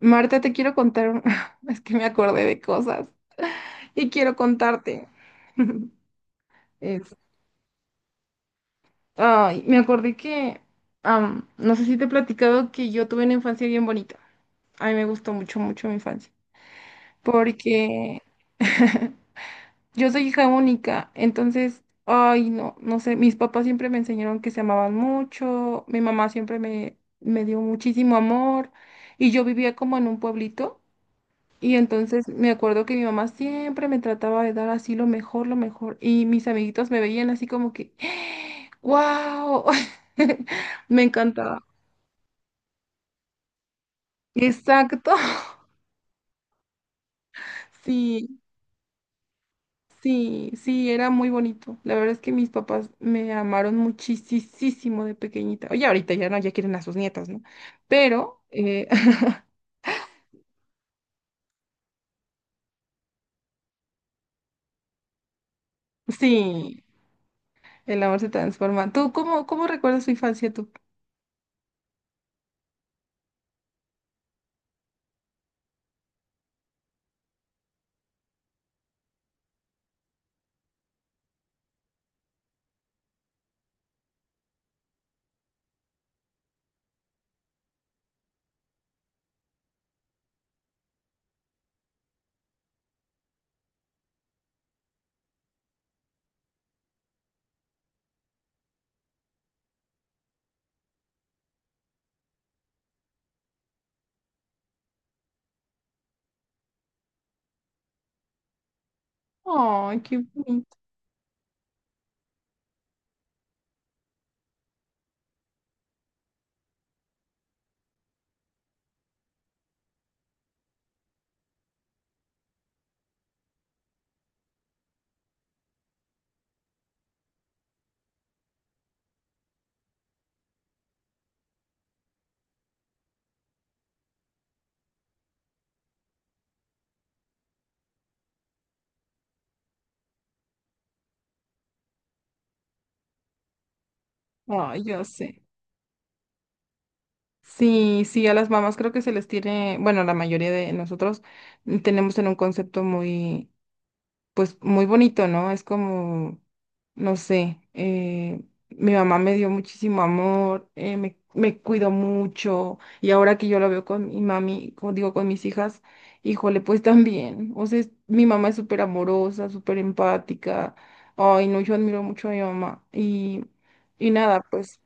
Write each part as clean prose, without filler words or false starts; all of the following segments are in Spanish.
Marta, te quiero contar, es que me acordé de cosas y quiero contarte. Es- Ay, me acordé que, no sé si te he platicado que yo tuve una infancia bien bonita. A mí me gustó mucho, mucho mi infancia, porque yo soy hija única, entonces, ay, no, no sé, mis papás siempre me enseñaron que se amaban mucho, mi mamá siempre me dio muchísimo amor y yo vivía como en un pueblito. Y entonces me acuerdo que mi mamá siempre me trataba de dar así lo mejor, lo mejor. Y mis amiguitos me veían así como que, ¡wow! Me encantaba. Exacto. Sí, sí, sí, era muy bonito. La verdad es que mis papás me amaron muchísimo de pequeñita. Oye, ahorita ya no, ya quieren a sus nietas, ¿no? Pero, sí, el amor se transforma. ¿Tú cómo, cómo recuerdas tu infancia tú? Ay, qué bonito. Ay, yo sé. Sí, sí, a las mamás creo que se les tiene, bueno, la mayoría de nosotros tenemos en un concepto muy, pues muy bonito, ¿no? Es como, no sé, mi mamá me dio muchísimo amor, me cuidó mucho y ahora que yo lo veo con mi mami, como digo, con mis hijas, híjole, pues también, o sea, mi mamá es súper amorosa, súper empática, ay, no, yo admiro mucho a mi mamá y nada, pues...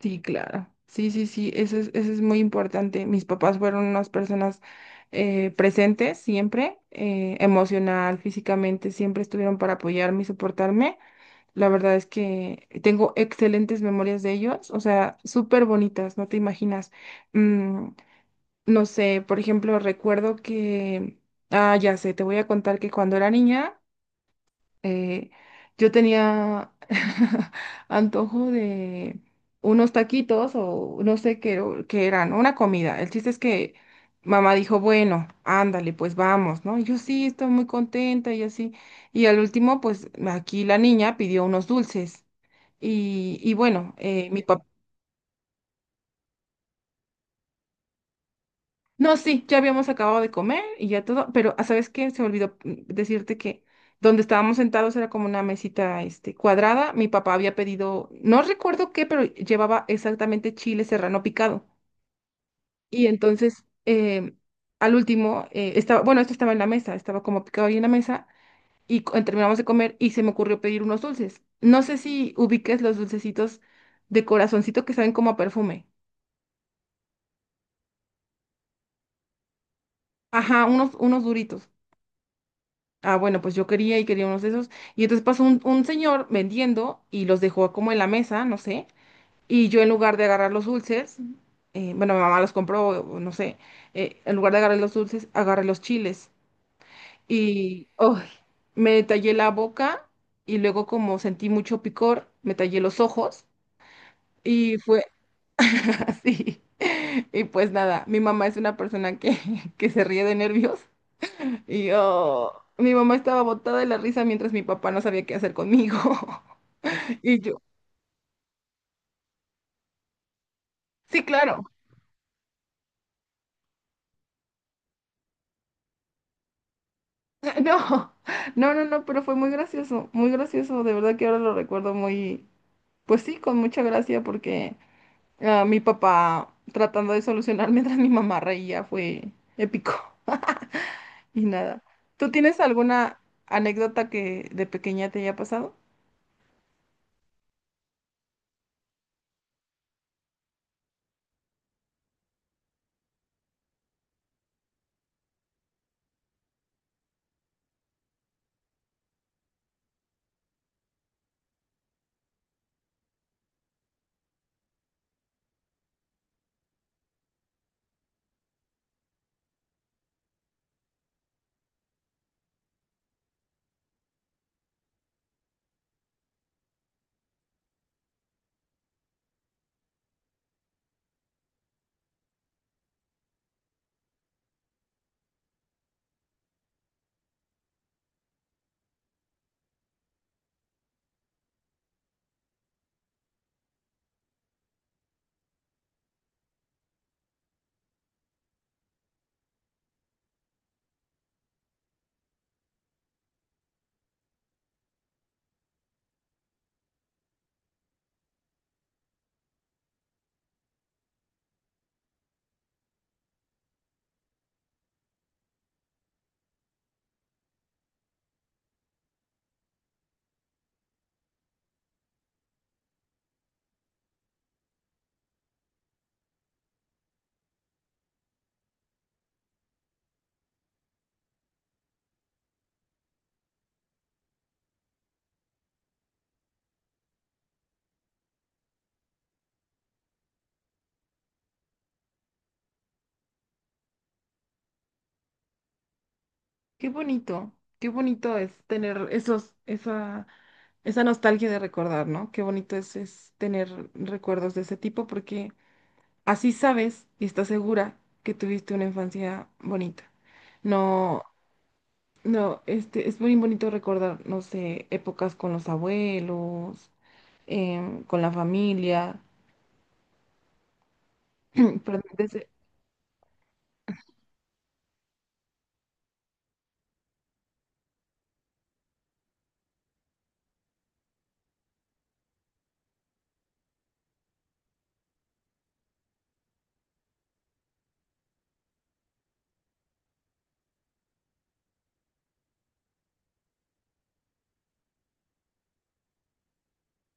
Sí, claro. Sí, sí, sí, eso es muy importante. Mis papás fueron unas personas presentes siempre, emocional, físicamente, siempre estuvieron para apoyarme y soportarme. La verdad es que tengo excelentes memorias de ellos, o sea, súper bonitas, no te imaginas. Mm, no sé, por ejemplo, recuerdo que, ah, ya sé, te voy a contar que cuando era niña eh, yo tenía antojo de unos taquitos o no sé qué, qué eran, una comida. El chiste es que mamá dijo, bueno, ándale, pues vamos, ¿no? Y yo sí, estoy muy contenta y así. Y al último, pues aquí la niña pidió unos dulces. Y bueno, mi No, sí, ya habíamos acabado de comer y ya todo, pero ah, ¿sabes qué? Se me olvidó decirte que donde estábamos sentados era como una mesita este, cuadrada. Mi papá había pedido, no recuerdo qué, pero llevaba exactamente chile serrano picado. Y entonces, al último, estaba, bueno, esto estaba en la mesa, estaba como picado ahí en la mesa y terminamos de comer y se me ocurrió pedir unos dulces. No sé si ubiques los dulcecitos de corazoncito que saben como a perfume. Ajá, unos, unos duritos. Ah, bueno, pues yo quería y quería unos de esos. Y entonces pasó un señor vendiendo y los dejó como en la mesa, no sé. Y yo en lugar de agarrar los dulces, bueno, mi mamá los compró, o no sé, en lugar de agarrar los dulces, agarré los chiles. Y ¡ay! Me tallé la boca y luego como sentí mucho picor, me tallé los ojos y fue así. Y pues nada, mi mamá es una persona que, que se ríe de nervios y yo, mi mamá estaba botada de la risa mientras mi papá no sabía qué hacer conmigo. Y yo, sí, claro. No, no, no, no, pero fue muy gracioso, muy gracioso. De verdad que ahora lo recuerdo muy, pues sí, con mucha gracia porque ah, mi papá tratando de solucionar mientras mi mamá reía fue épico. Y nada. ¿Tú tienes alguna anécdota que de pequeña te haya pasado? Qué bonito, qué bonito es tener esos, esa Esa nostalgia de recordar, ¿no? Qué bonito es tener recuerdos de ese tipo porque así sabes y estás segura que tuviste una infancia bonita. No, no, este, es muy bonito recordar, no sé, épocas con los abuelos, con la familia. Perdón.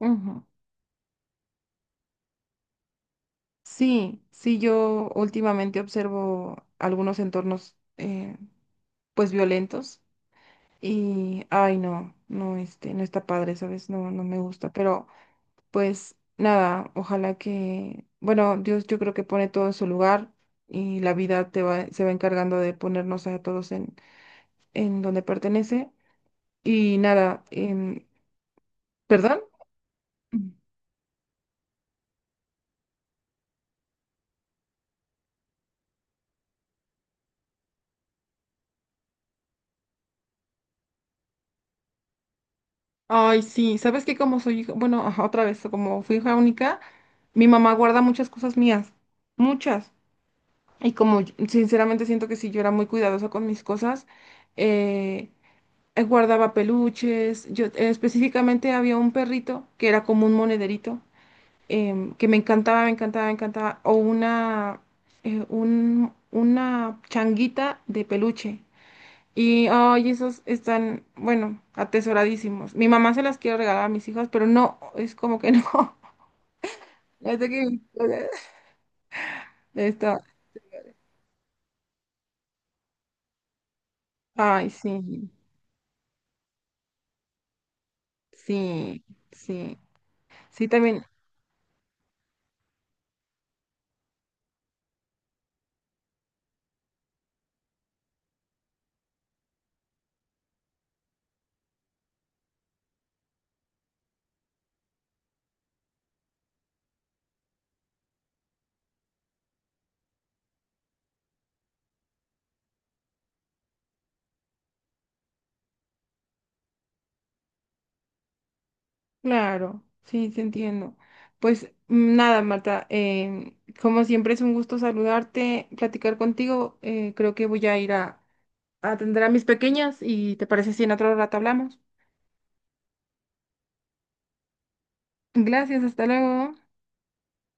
Ujú. Sí, sí, yo últimamente observo algunos entornos, pues violentos y, ay, no, no, este, no está padre, ¿sabes? No, no me gusta, pero pues nada, ojalá que, bueno, Dios yo creo que pone todo en su lugar y la vida te va, se va encargando de ponernos a todos en donde pertenece. Y nada, ¿perdón? Mm. Ay, sí, sabes que como soy hija, bueno, ajá, otra vez, como fui hija única, mi mamá guarda muchas cosas mías, muchas. Y como sinceramente siento que si yo era muy cuidadosa con mis cosas, eh, guardaba peluches, yo específicamente había un perrito que era como un monederito que me encantaba, me encantaba, me encantaba, o una, una changuita de peluche. Y ay, esos están, bueno, atesoradísimos. Mi mamá se las quiere regalar a mis hijas, pero no, es como que no. Ya sé que está. Ay, sí, sí, sí. Sí, también, claro, sí, te entiendo. Pues nada, Marta, como siempre es un gusto saludarte, platicar contigo. Eh, creo que voy a ir a, atender a mis pequeñas y te parece si en otro rato hablamos. Gracias, hasta luego.